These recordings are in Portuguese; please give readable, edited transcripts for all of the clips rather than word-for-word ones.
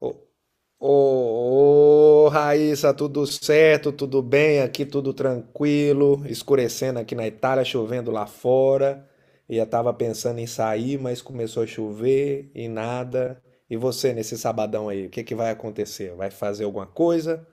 Ô, ô, Raíssa, tudo certo? Tudo bem? Aqui tudo tranquilo. Escurecendo aqui na Itália, chovendo lá fora. E eu tava pensando em sair, mas começou a chover e nada. E você nesse sabadão aí, o que que vai acontecer? Vai fazer alguma coisa?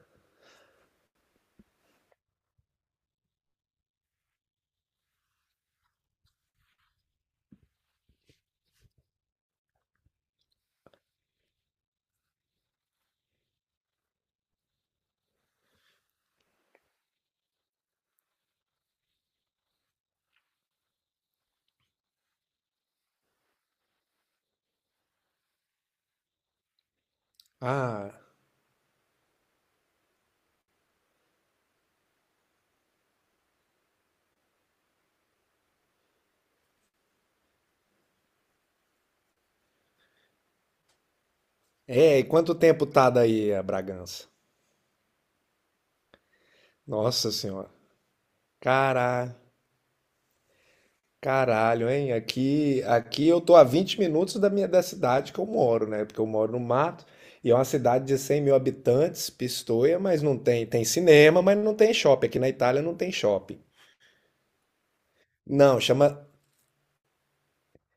Ah, é, e quanto tempo tá daí a Bragança? Nossa Senhora. Caraca. Caralho, hein? Aqui eu tô a 20 minutos da minha da cidade que eu moro, né? Porque eu moro no mato e é uma cidade de 100 mil habitantes, Pistoia, mas não tem, tem cinema, mas não tem shopping. Aqui na Itália não tem shopping. Não,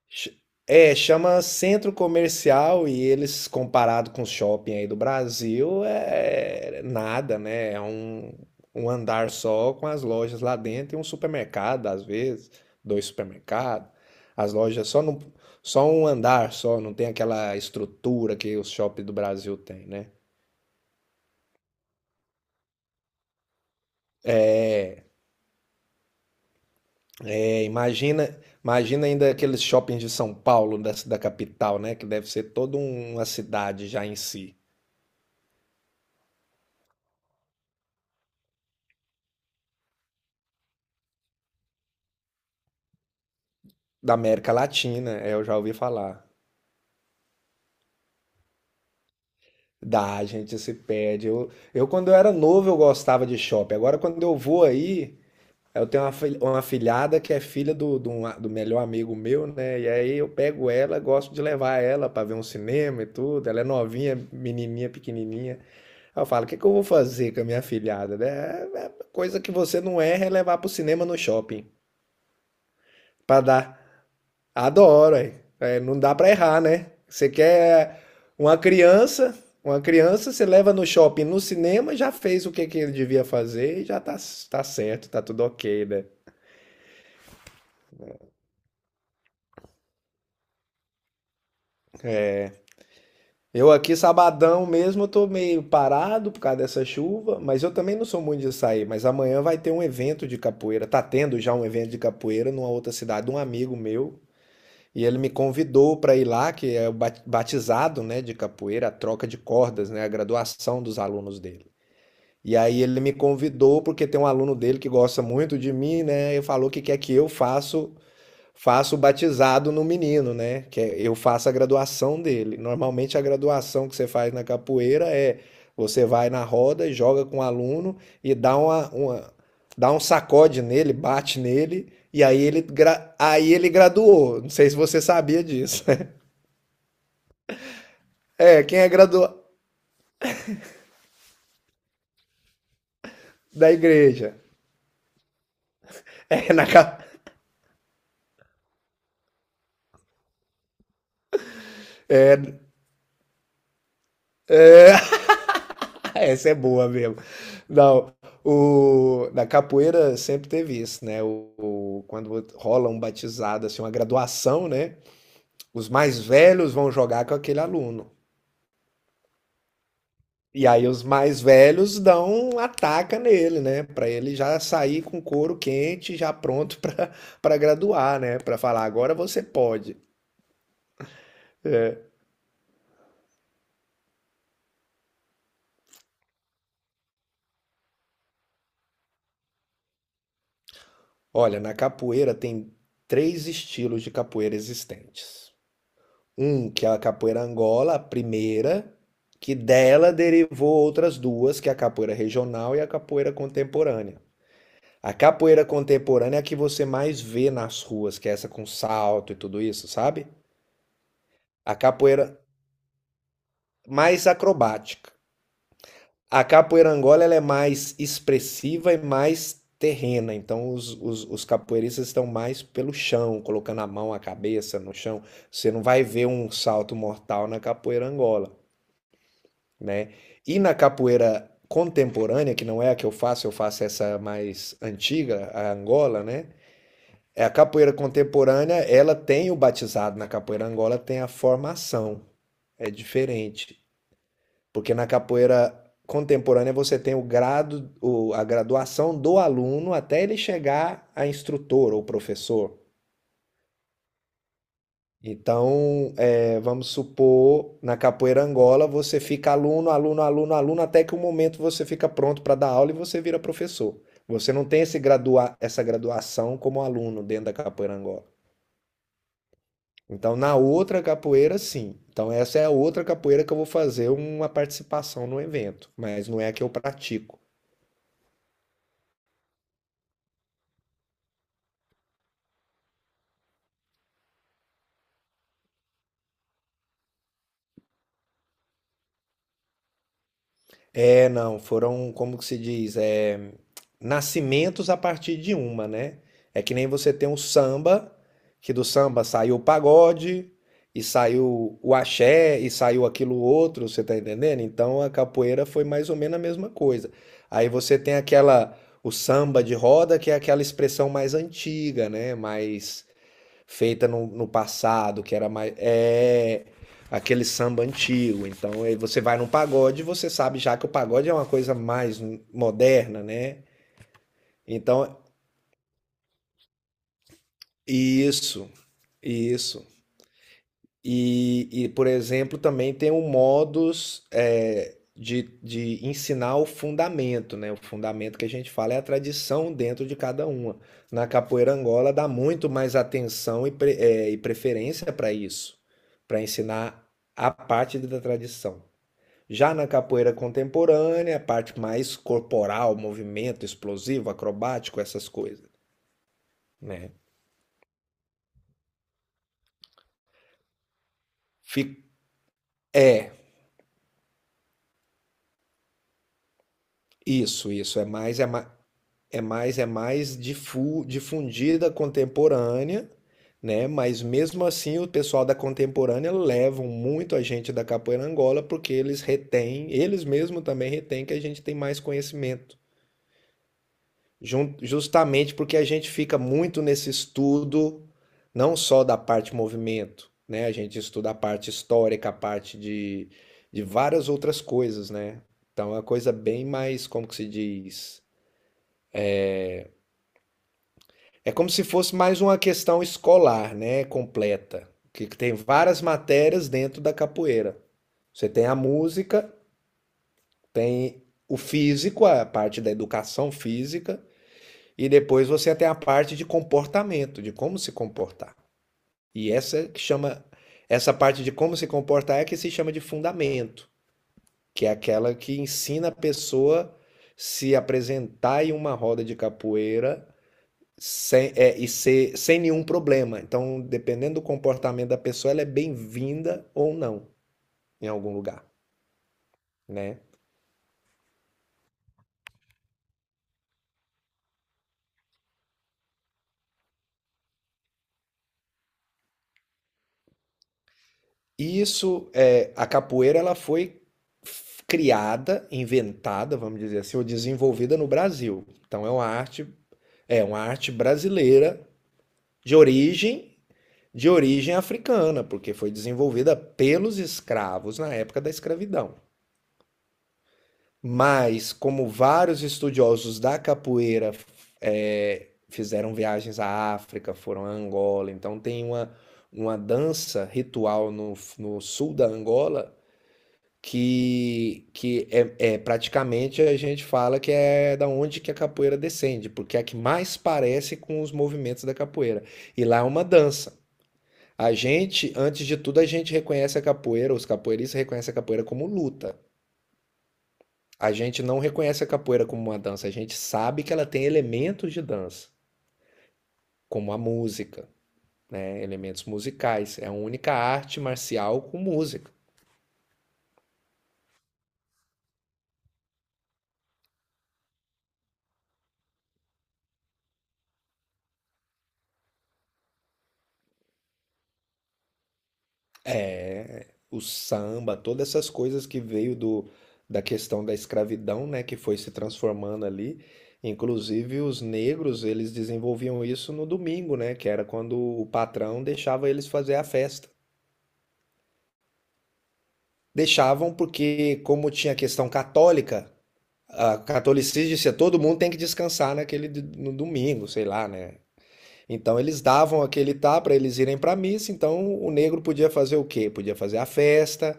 Ch- é, chama centro comercial e eles, comparado com o shopping aí do Brasil, é nada, né? Um andar só com as lojas lá dentro e um supermercado, às vezes, dois supermercados. As lojas só, no, só um andar só, não tem aquela estrutura que os shoppings do Brasil têm, né? É, imagina, imagina ainda aqueles shoppings de São Paulo, da capital, né? Que deve ser toda uma cidade já em si. Da América Latina, é, eu já ouvi falar. Dá, a gente se perde. Quando eu era novo, eu gostava de shopping. Agora, quando eu vou aí, eu tenho uma filhada que é filha do melhor amigo meu, né? E aí eu pego ela, gosto de levar ela pra ver um cinema e tudo. Ela é novinha, menininha, pequenininha. Aí eu falo, o que que eu vou fazer com a minha filhada, né? Coisa que você não erra é levar pro cinema no shopping. Pra dar adoro, é. É, não dá pra errar, né? Você quer uma criança, uma criança, você leva no shopping, no cinema, já fez o que que ele devia fazer e já tá certo, tá tudo ok, né? Eu aqui, sabadão mesmo, eu tô meio parado por causa dessa chuva, mas eu também não sou muito de sair. Mas amanhã vai ter um evento de capoeira. Tá tendo já um evento de capoeira numa outra cidade, um amigo meu. E ele me convidou para ir lá, que é o batizado, né, de capoeira, a troca de cordas, né, a graduação dos alunos dele. E aí ele me convidou porque tem um aluno dele que gosta muito de mim, né? E falou que quer que eu faço faço o batizado no menino, né? Eu faça a graduação dele. Normalmente a graduação que você faz na capoeira é você vai na roda e joga com o aluno e dá dá um sacode nele, bate nele e aí aí ele graduou. Não sei se você sabia disso. É, quem é graduado da igreja. É, na, ca- Ah, essa é boa mesmo. Não, na capoeira sempre teve isso, né? Quando rola um batizado, assim, uma graduação, né? Os mais velhos vão jogar com aquele aluno. E aí os mais velhos dão um ataca nele, né? Pra ele já sair com couro quente, já pronto pra para graduar, né? Pra falar, agora você pode. Olha, na capoeira tem três estilos de capoeira existentes. Um, que é a capoeira Angola, a primeira, que dela derivou outras duas, que é a capoeira regional e a capoeira contemporânea. A capoeira contemporânea é a que você mais vê nas ruas, que é essa com salto e tudo isso, sabe? A capoeira mais acrobática. A capoeira Angola ela é mais expressiva e mais terrena, então os capoeiristas estão mais pelo chão, colocando a mão, a cabeça no chão. Você não vai ver um salto mortal na capoeira Angola, né? E na capoeira contemporânea, que não é a que eu faço essa mais antiga, a Angola, né? É a capoeira contemporânea, ela tem o batizado, na capoeira Angola tem a formação, é diferente, porque na capoeira contemporânea você tem a graduação do aluno até ele chegar a instrutor ou professor. Então, vamos supor, na capoeira Angola, você fica aluno, aluno, aluno, aluno, até que o momento você fica pronto para dar aula e você vira professor. Você não tem esse gradua essa graduação como aluno dentro da capoeira Angola. Então, na outra capoeira, sim. Então, essa é a outra capoeira que eu vou fazer uma participação no evento, mas não é a que eu pratico. É, não, foram, como que se diz, é, nascimentos a partir de uma, né? É que nem você tem o samba, que do samba saiu o pagode, e saiu o axé, e saiu aquilo outro, você tá entendendo? Então a capoeira foi mais ou menos a mesma coisa. Aí você tem aquela, o samba de roda, que é aquela expressão mais antiga, né? Mais feita no passado, que era mais. É aquele samba antigo. Então aí você vai num pagode, você sabe já que o pagode é uma coisa mais moderna, né? Então, isso, isso. E por exemplo, também tem o modus de ensinar o fundamento, né? O fundamento que a gente fala é a tradição dentro de cada uma. Na capoeira Angola dá muito mais atenção e preferência para isso, para ensinar a parte da tradição. Já na capoeira contemporânea, a parte mais corporal, movimento explosivo, acrobático, essas coisas, né? Fi- é, isso, isso é mais, é mais. É mais difundida contemporânea, né? Mas mesmo assim o pessoal da contemporânea levam muito a gente da capoeira Angola porque eles retêm, eles mesmos também retêm que a gente tem mais conhecimento. Justamente porque a gente fica muito nesse estudo não só da parte movimento, né? A gente estuda a parte histórica, de várias outras coisas, né? Então é uma coisa bem mais, como que se diz? É como se fosse mais uma questão escolar, né? Completa. Que tem várias matérias dentro da capoeira. Você tem a música, tem o físico, a parte da educação física, e depois você tem a parte de comportamento, de como se comportar. E essa que chama, essa parte de como se comportar é que se chama de fundamento, que é aquela que ensina a pessoa se apresentar em uma roda de capoeira sem, é, e ser, sem nenhum problema. Então, dependendo do comportamento da pessoa, ela é bem-vinda ou não em algum lugar, né? E isso, é, a capoeira, ela foi criada, inventada, vamos dizer assim, ou desenvolvida no Brasil. Então, é uma arte brasileira de origem de origem africana, porque foi desenvolvida pelos escravos na época da escravidão. Mas, como vários estudiosos da capoeira, fizeram viagens à África, foram a Angola, então tem uma dança ritual no sul da Angola que, é praticamente a gente fala que é da onde que a capoeira descende, porque é a que mais parece com os movimentos da capoeira. E lá é uma dança. A gente, antes de tudo, a gente reconhece a capoeira, os capoeiristas reconhecem a capoeira como luta. A gente não reconhece a capoeira como uma dança, a gente sabe que ela tem elementos de dança, como a música, né? Elementos musicais. É a única arte marcial com música. É o samba, todas essas coisas que veio da questão da escravidão, né? Que foi se transformando ali. Inclusive os negros, eles desenvolviam isso no domingo, né? Que era quando o patrão deixava eles fazer a festa. Deixavam porque, como tinha questão católica, a catolicismo dizia, todo mundo tem que descansar no domingo, sei lá, né? Então eles davam aquele tá para eles irem para missa, então o negro podia fazer o quê? Podia fazer a festa.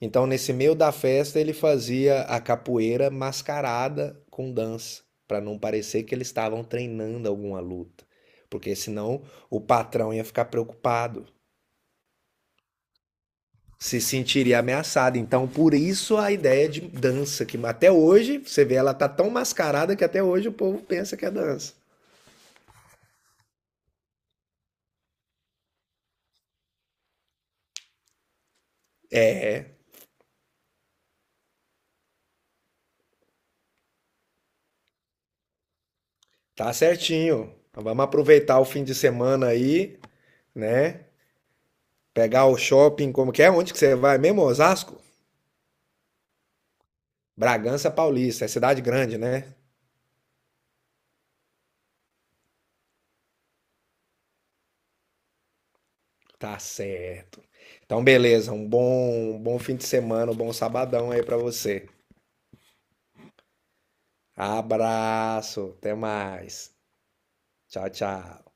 Então nesse meio da festa ele fazia a capoeira mascarada com dança, para não parecer que eles estavam treinando alguma luta, porque senão o patrão ia ficar preocupado. Se sentiria ameaçada. Então, por isso a ideia de dança, que até hoje, você vê, ela tá tão mascarada que até hoje o povo pensa que é dança. É, tá certinho. Então, vamos aproveitar o fim de semana aí, né? Pegar o shopping, como que é? Onde que você vai mesmo, Osasco? Bragança Paulista, é cidade grande, né? Tá certo. Então, beleza, um bom fim de semana, um bom sabadão aí pra você. Abraço, até mais. Tchau, tchau.